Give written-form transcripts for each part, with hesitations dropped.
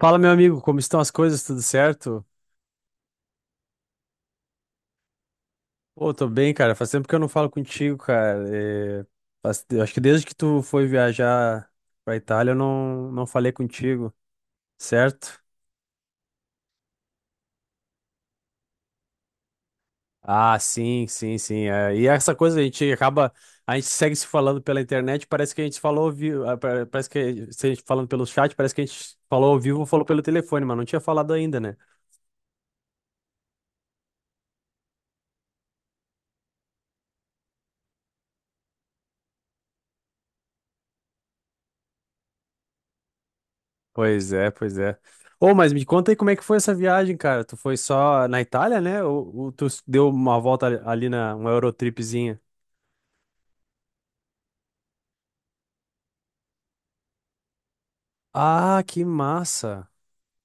Fala, meu amigo, como estão as coisas? Tudo certo? Pô, tô bem, cara. Faz tempo que eu não falo contigo, cara. Eu acho que desde que tu foi viajar pra Itália, eu não falei contigo, certo? Ah, sim, sim, sim. E essa coisa, a gente acaba. A gente segue se falando pela internet, parece que a gente falou ao vivo. Parece que se a gente falando pelo chat, parece que a gente falou ao vivo ou falou pelo telefone, mas não tinha falado ainda, né? Pois é, pois é. Ô, mas me conta aí como é que foi essa viagem, cara. Tu foi só na Itália, né? Ou tu deu uma volta ali na uma Eurotripzinha? Ah, que massa.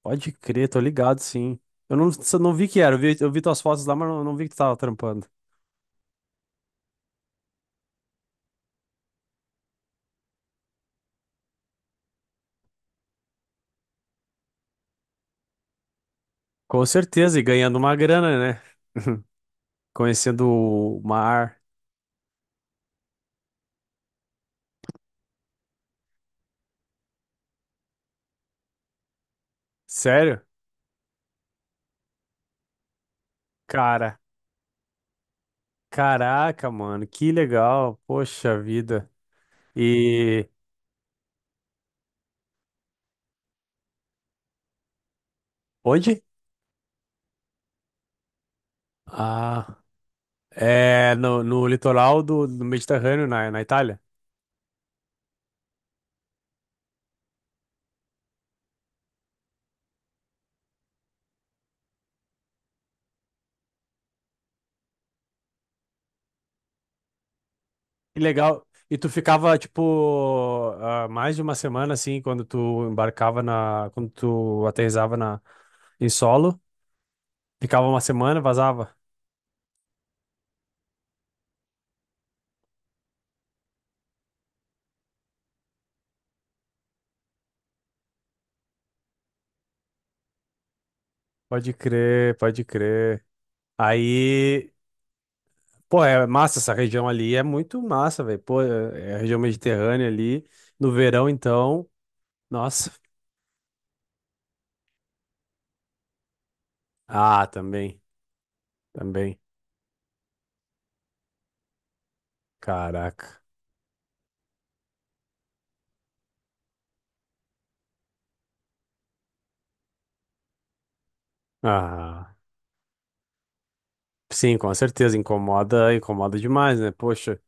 Pode crer, tô ligado, sim. Eu não, só não vi que era, eu vi tuas fotos lá, mas não vi que tu tava trampando. Com certeza, e ganhando uma grana, né? Conhecendo o mar. Sério? Cara, caraca, mano, que legal. Poxa vida. E onde? Ah. É, no litoral do Mediterrâneo, na Itália. Que legal. E tu ficava, tipo, mais de uma semana, assim, quando tu embarcava na. Quando tu aterrissava em solo. Ficava uma semana, vazava. Pode crer, pode crer. Aí, pô, é massa essa região ali. É muito massa, velho. Pô, é a região mediterrânea ali. No verão, então, nossa. Ah, também, também. Caraca. Ah. Sim, com certeza, incomoda, incomoda demais, né? Poxa,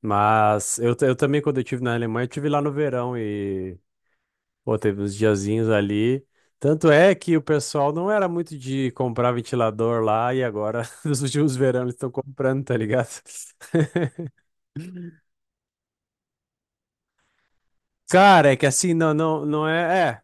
mas eu também, quando eu estive na Alemanha, eu estive lá no verão e, pô, teve uns diazinhos ali. Tanto é que o pessoal não era muito de comprar ventilador lá e agora, nos últimos verões, eles estão comprando, tá ligado? Cara, é que assim, não é. É,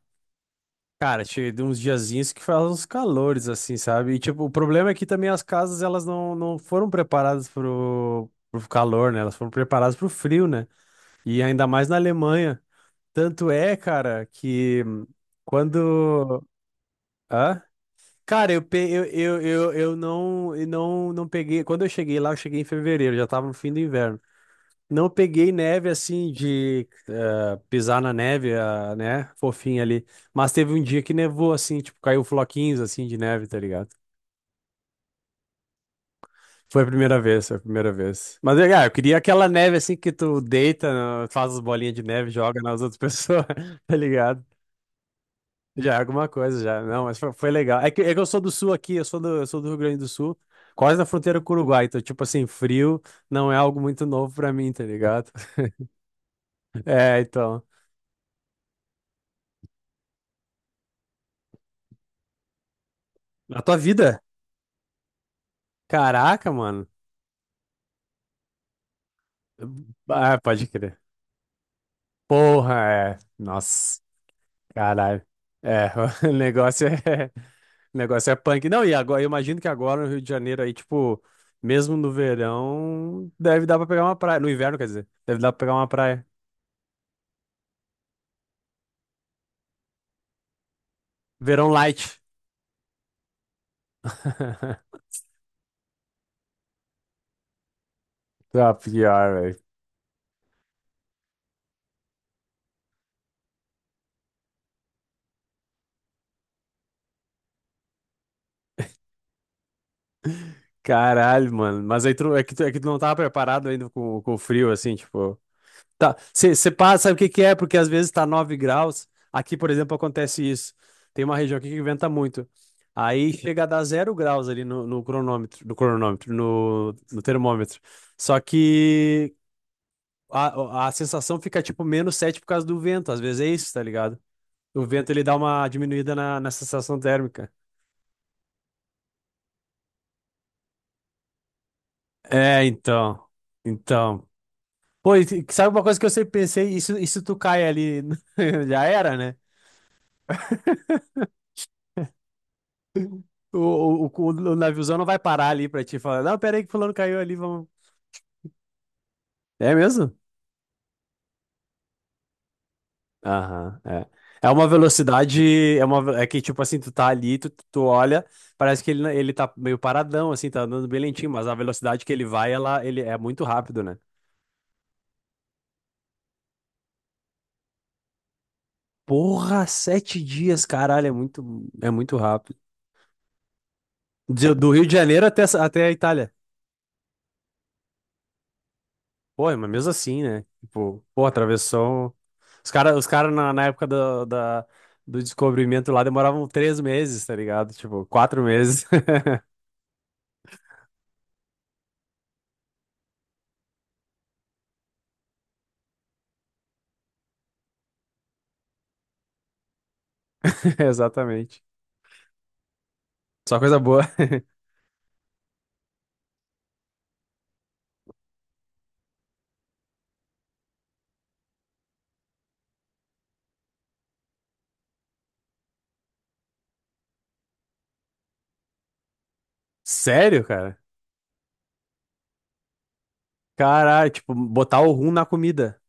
cara, tinha de uns diazinhos que faz uns calores, assim, sabe? E, tipo, o problema é que também as casas, elas não foram preparadas pro calor, né? Elas foram preparadas pro frio, né? E ainda mais na Alemanha. Tanto é, cara, que quando. Hã? Cara, eu, pe... eu não peguei. Quando eu cheguei lá, eu cheguei em fevereiro, já tava no fim do inverno. Não peguei neve assim de pisar na neve, ah, né? Fofinha ali. Mas teve um dia que nevou, assim, tipo, caiu floquinhos assim de neve, tá ligado? Foi a primeira vez, foi a primeira vez. Mas eu queria aquela neve assim que tu deita, faz as bolinhas de neve, joga nas outras pessoas, tá ligado? Já é alguma coisa, já. Não, mas foi, foi legal. É que eu sou do sul aqui, eu sou do Rio Grande do Sul, quase na fronteira com o Uruguai. Então, tipo assim, frio não é algo muito novo pra mim, tá ligado? É, então. Na tua vida? Caraca, mano. Ah, pode crer. Porra, é. Nossa, caralho. É, o negócio é. O negócio é punk. Não, e agora, eu imagino que agora no Rio de Janeiro aí, tipo, mesmo no verão, deve dar pra pegar uma praia. No inverno, quer dizer, deve dar pra pegar uma praia. Verão light. Tá pior, velho. Caralho, mano. Mas aí tu, é que tu não tava preparado ainda com o frio, assim, tipo. Tá, você passa, sabe o que que é? Porque às vezes tá 9 graus. Aqui, por exemplo, acontece isso. Tem uma região aqui que venta muito. Aí chega a dar 0 graus ali no cronômetro, no cronômetro, no termômetro. Só que a sensação fica tipo -7 por causa do vento. Às vezes é isso, tá ligado? O vento ele dá uma diminuída na sensação térmica. É, então. Então, pô, e sabe uma coisa que eu sempre pensei? Isso tu cai ali, já era, né? O naviozão não vai parar ali pra ti e falar, não, pera aí que fulano caiu ali, vamos. É mesmo? Aham, é. É uma velocidade, é que tipo assim, tu tá ali, tu olha, parece que ele, não- ele tá meio paradão, assim, tá andando bem lentinho, mas a velocidade que ele vai, ela, ele é muito rápido, né? Porra, 7 dias, caralho, é muito rápido. Do Rio de Janeiro até, até a Itália. Pô, mas mesmo assim, né? Tipo, pô, atravessou um. Os cara na época do descobrimento lá demoravam 3 meses, tá ligado? Tipo, 4 meses. Exatamente. Só coisa boa. Sério, cara? Caralho, tipo, botar o rum na comida.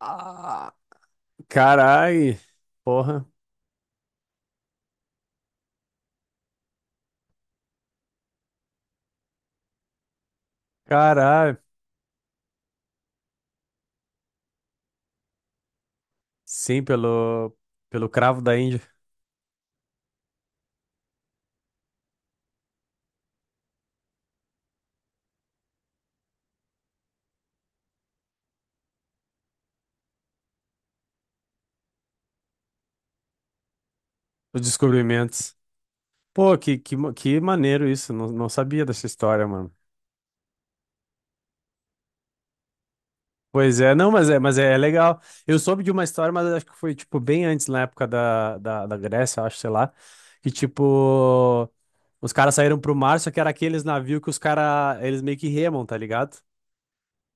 Ah, caralho. Porra. Caralho. Sim, pelo cravo da Índia. Os descobrimentos. Pô, que maneiro isso. Não, não sabia dessa história, mano. Pois é, não, mas é legal. Eu soube de uma história, mas acho que foi, tipo, bem antes, na época da Grécia, acho, sei lá, que, tipo, os caras saíram pro mar, só que era aqueles navios que os caras, eles meio que remam, tá ligado?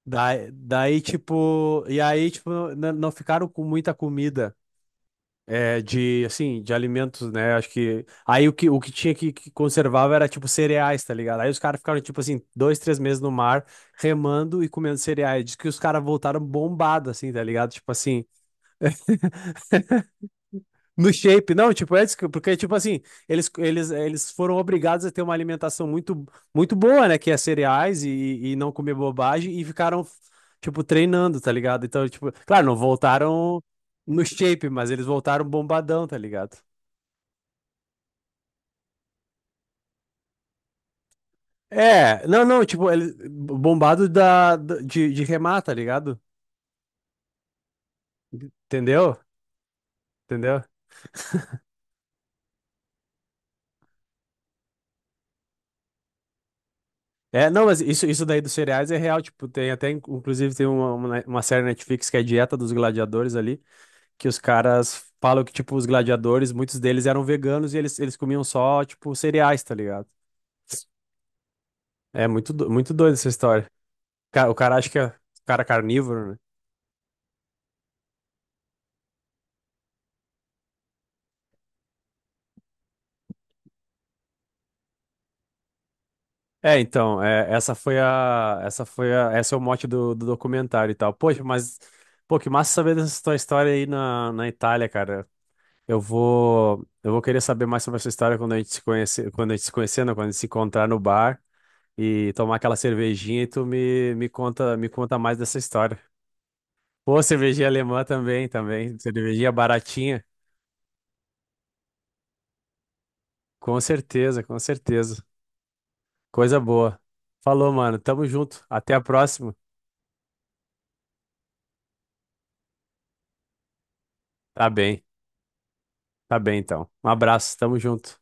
Daí, tipo, e aí, tipo, não ficaram com muita comida. É, de, assim, de alimentos, né? Acho que. Aí o que tinha que conservava era, tipo, cereais, tá ligado? Aí os caras ficaram, tipo, assim, 2, 3 meses no mar, remando e comendo cereais. Diz que os caras voltaram bombado, assim, tá ligado? Tipo assim. No shape, não, tipo, é, isso porque, tipo assim, eles foram obrigados a ter uma alimentação muito, muito boa, né? Que é cereais e não comer bobagem e ficaram, tipo, treinando, tá ligado? Então, tipo, claro, não voltaram no shape, mas eles voltaram bombadão, tá ligado? É, não, não, tipo, ele bombado de remar, tá ligado? Entendeu? Entendeu? É, não, mas isso daí dos cereais é real, tipo, tem até, inclusive, tem uma série na Netflix que é a Dieta dos Gladiadores ali, que os caras falam que, tipo, os gladiadores, muitos deles eram veganos e eles comiam só, tipo, cereais, tá ligado? É muito doido essa história. O cara acha que é o cara é carnívoro, né? É, então, esse é o mote do documentário e tal. Poxa, mas, pô, que massa saber dessa tua história aí na Itália, cara. Eu vou querer saber mais sobre essa história quando a gente se conhecer, quando a gente se conhecer, não, quando a gente se encontrar no bar e tomar aquela cervejinha e tu me conta, me conta mais dessa história. Pô, cervejinha alemã também, também, cervejinha baratinha. Com certeza, com certeza. Coisa boa. Falou, mano, tamo junto. Até a próxima. Tá bem. Tá bem, então. Um abraço, tamo junto.